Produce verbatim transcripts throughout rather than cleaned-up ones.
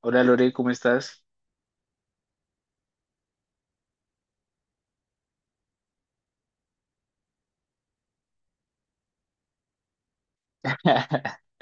Hola Lore, ¿cómo estás?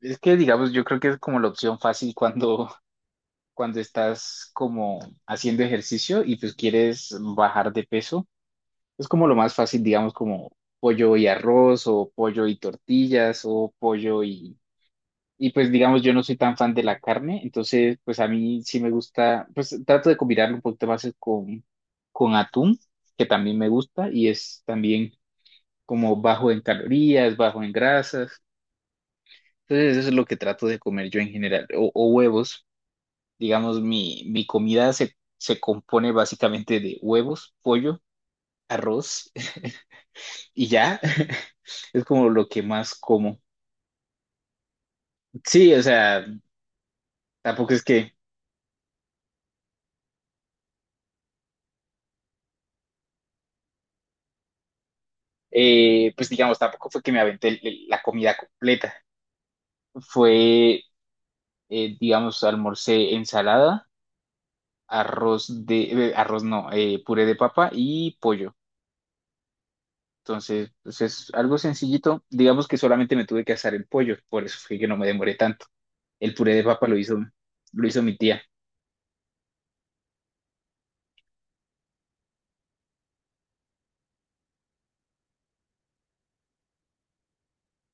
Es que digamos, yo creo que es como la opción fácil cuando, cuando estás como haciendo ejercicio y pues quieres bajar de peso. Es como lo más fácil, digamos, como pollo y arroz o pollo y tortillas o pollo y... Y pues digamos, yo no soy tan fan de la carne, entonces pues a mí sí me gusta, pues trato de combinarlo un poquito más con, con atún, que también me gusta y es también como bajo en calorías, bajo en grasas. Entonces eso es lo que trato de comer yo en general, o, o huevos. Digamos, mi, mi comida se, se compone básicamente de huevos, pollo, arroz y ya. Es como lo que más como. Sí, o sea, tampoco es que, eh, pues digamos, tampoco fue que me aventé el- el- la comida completa. Fue, eh, digamos, almorcé ensalada, arroz de, eh, arroz no, eh, puré de papa y pollo. Entonces, pues es algo sencillito. Digamos que solamente me tuve que asar el pollo, por eso fue que no me demoré tanto. El puré de papa lo hizo, lo hizo mi tía.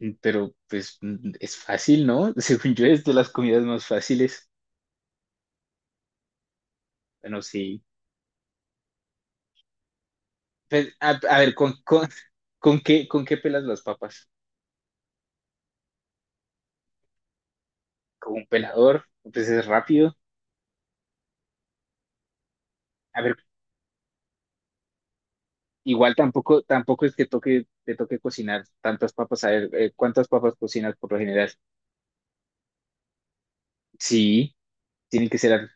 Mm, pero pues mm, es fácil, ¿no? Según yo es de las comidas más fáciles. Bueno, sí. Pues, a, a ver, ¿con, con, con qué, con qué pelas las papas? Con un pelador, pues es rápido. A ver, igual tampoco, tampoco es que toque, te toque cocinar tantas papas. A ver, eh, ¿cuántas papas cocinas por lo general? Sí, tienen que ser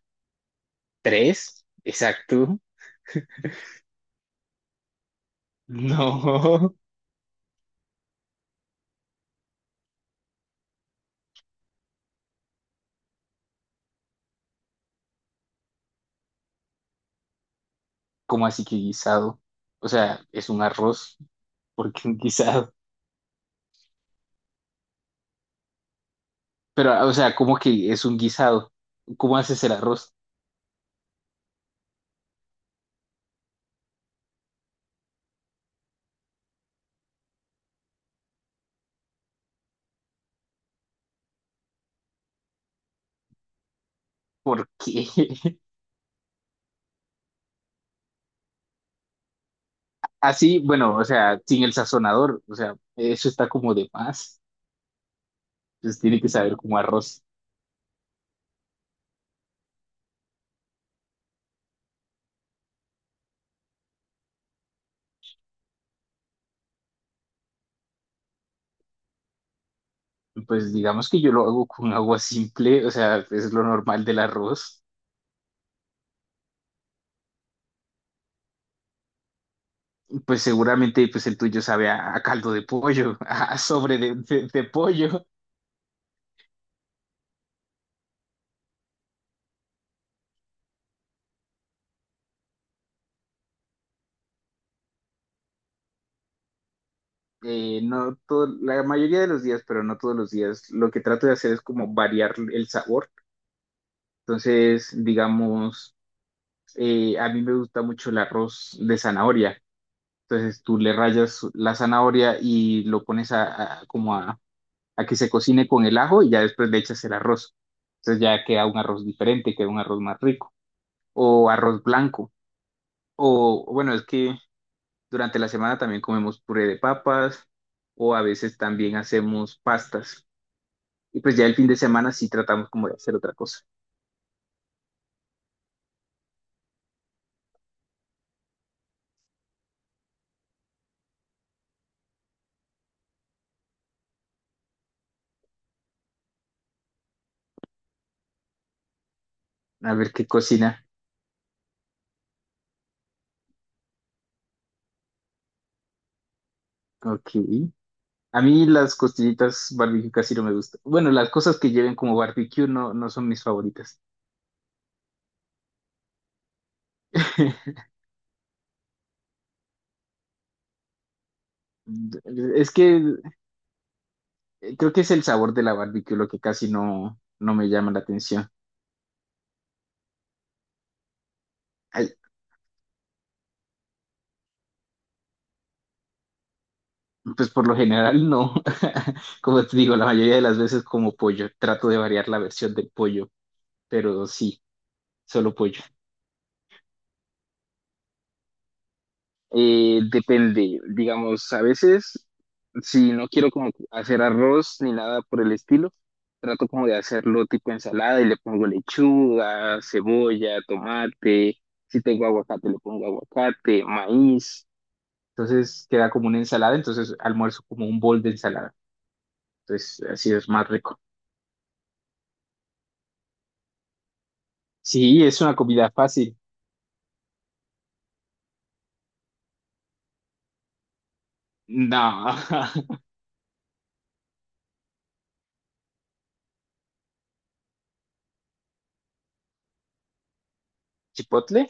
tres, exacto. No. ¿Cómo así que guisado? O sea, es un arroz, ¿por qué un guisado? Pero, o sea, ¿cómo que es un guisado? ¿Cómo haces el arroz? ¿Por qué? Así, bueno, o sea, sin el sazonador, o sea, eso está como de más. Entonces tiene que saber como arroz. Pues digamos que yo lo hago con agua simple, o sea, es lo normal del arroz. Pues seguramente pues el tuyo sabe a, a caldo de pollo, a sobre de, de de pollo. Eh, no todo, la mayoría de los días, pero no todos los días, lo que trato de hacer es como variar el sabor. Entonces, digamos, eh, a mí me gusta mucho el arroz de zanahoria. Entonces tú le rayas la zanahoria y lo pones a, a- como a, a que se cocine con el ajo y ya después le echas el arroz. Entonces ya queda un arroz diferente, queda un arroz más rico. O arroz blanco. O bueno, es que durante la semana también comemos puré de papas o a veces también hacemos pastas. Y pues ya el fin de semana sí tratamos como de hacer otra cosa. A ver qué cocina. Ok. A mí las costillitas barbecue casi no me gustan. Bueno, las cosas que lleven como barbecue no, no son mis favoritas. Es que creo que es el sabor de la barbecue lo que casi no, no me llama la atención. Ay, pues por lo general no. Como te digo, la mayoría de las veces como pollo. Trato de variar la versión del pollo, pero sí, solo pollo. Eh, depende, digamos, a veces si no quiero como hacer arroz ni nada por el estilo, trato como de hacerlo tipo ensalada y le pongo lechuga, cebolla, tomate, si tengo aguacate le pongo aguacate, maíz, entonces queda como una ensalada, entonces almuerzo como un bol de ensalada, entonces así es más rico. Sí, es una comida fácil. No, chipotle.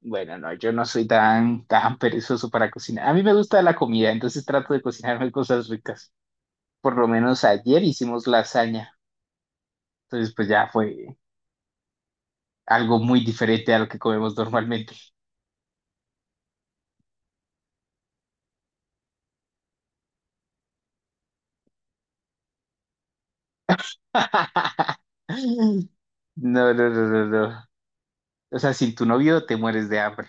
Bueno, no, yo no soy tan, tan perezoso para cocinar. A mí me gusta la comida, entonces trato de cocinarme cosas ricas. Por lo menos ayer hicimos lasaña, entonces pues ya fue algo muy diferente a lo que comemos normalmente. No, no, no, no, no. O sea, sin tu novio te mueres de hambre.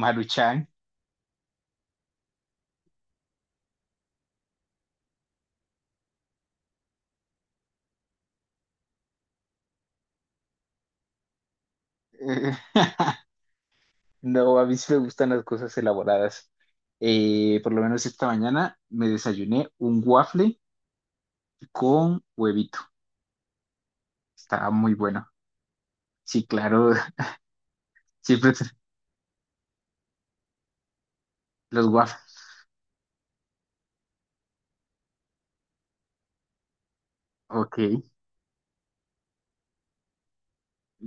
Maruchan. Eh, No, a mí sí me gustan las cosas elaboradas. Eh, por lo menos esta mañana me desayuné un waffle con huevito. Estaba muy bueno. Sí, claro, siempre te- los waffles. Ok,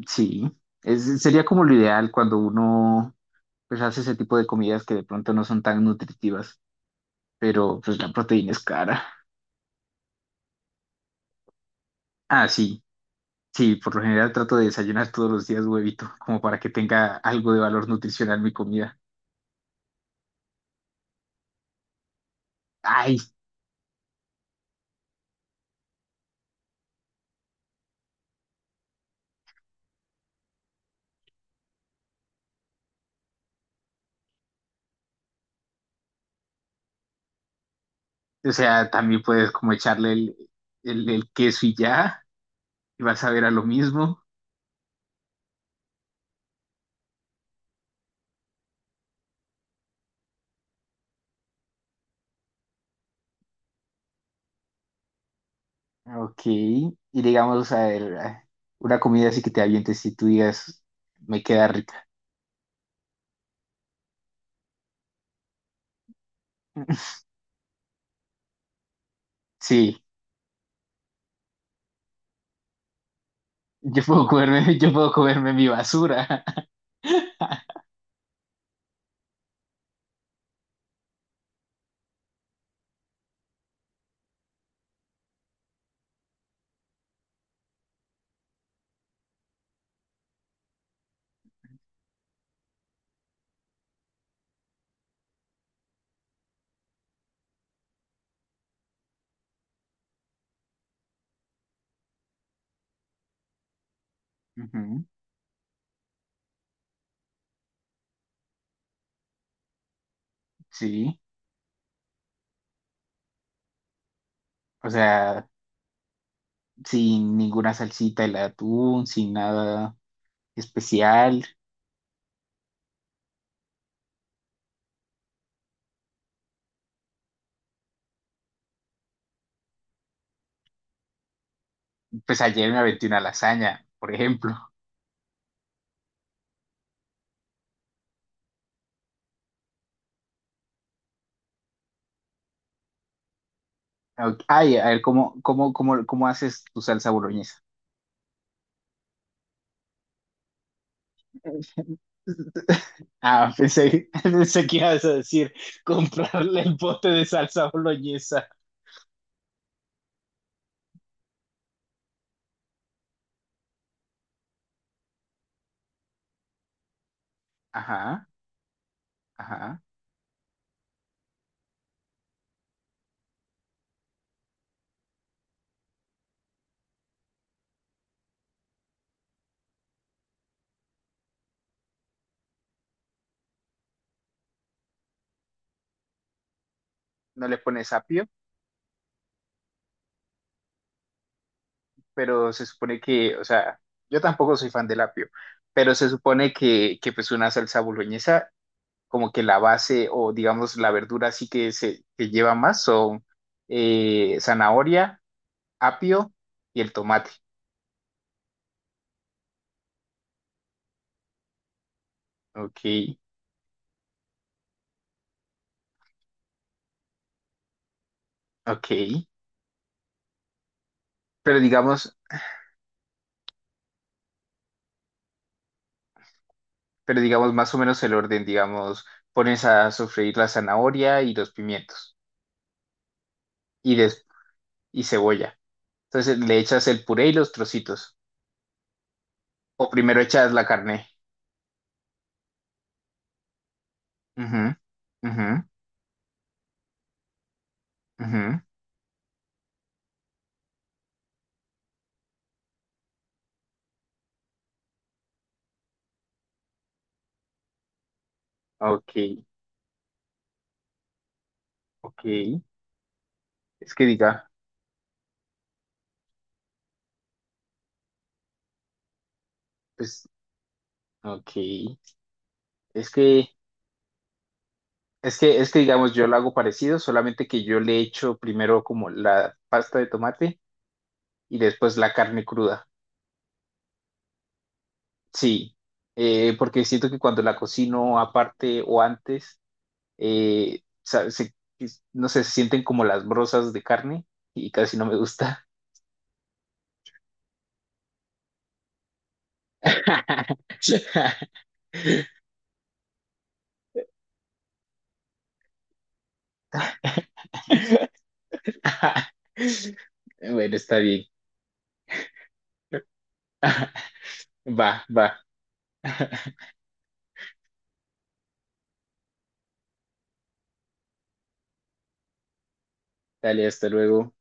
sí. Es, sería como lo ideal cuando uno pues hace ese tipo de comidas que de pronto no son tan nutritivas, pero pues la proteína es cara. Ah, sí, sí, por lo general trato de desayunar todos los días huevito, como para que tenga algo de valor nutricional mi comida. Ay, o sea, también puedes como echarle el, el, el queso y ya, y vas a ver a lo mismo. Ok, y digamos, a ver, a- una comida así que te avientes y tú digas, me queda rica. Sí, yo puedo comerme, yo puedo comerme mi basura. Ujú. Sí, o sea, sin ninguna salsita, el atún, sin nada especial. Pues ayer me aventé una lasaña, por ejemplo. Ok, ay, a ver, ¿cómo, cómo, cómo, cómo haces tu salsa boloñesa? Ah, pensé, pensé que ibas a decir comprarle el bote de salsa boloñesa. Ajá, ajá. No le pones apio, pero se supone que, o sea, yo tampoco soy fan del apio, pero se supone que, que pues una salsa boloñesa, como que la base o digamos la verdura así que se que lleva más son eh, zanahoria, apio y el tomate. Ok, ok. Pero digamos, pero digamos más o menos el orden, digamos, pones a sofreír la zanahoria y los pimientos y, des- y cebolla. Entonces le echas el puré y los trocitos. O primero echas la carne. Ujú, ujú, ujú. Ok, ok. Es que diga, pues, ok. Es que, es que, es que digamos, yo lo hago parecido, solamente que yo le echo primero como la pasta de tomate y después la carne cruda. Sí, eh, porque siento que cuando la cocino aparte o antes, eh, sa- se- no sé, se sienten como las brozas de carne y casi no me gusta. Bueno, está bien. Va, va. Dale, hasta luego.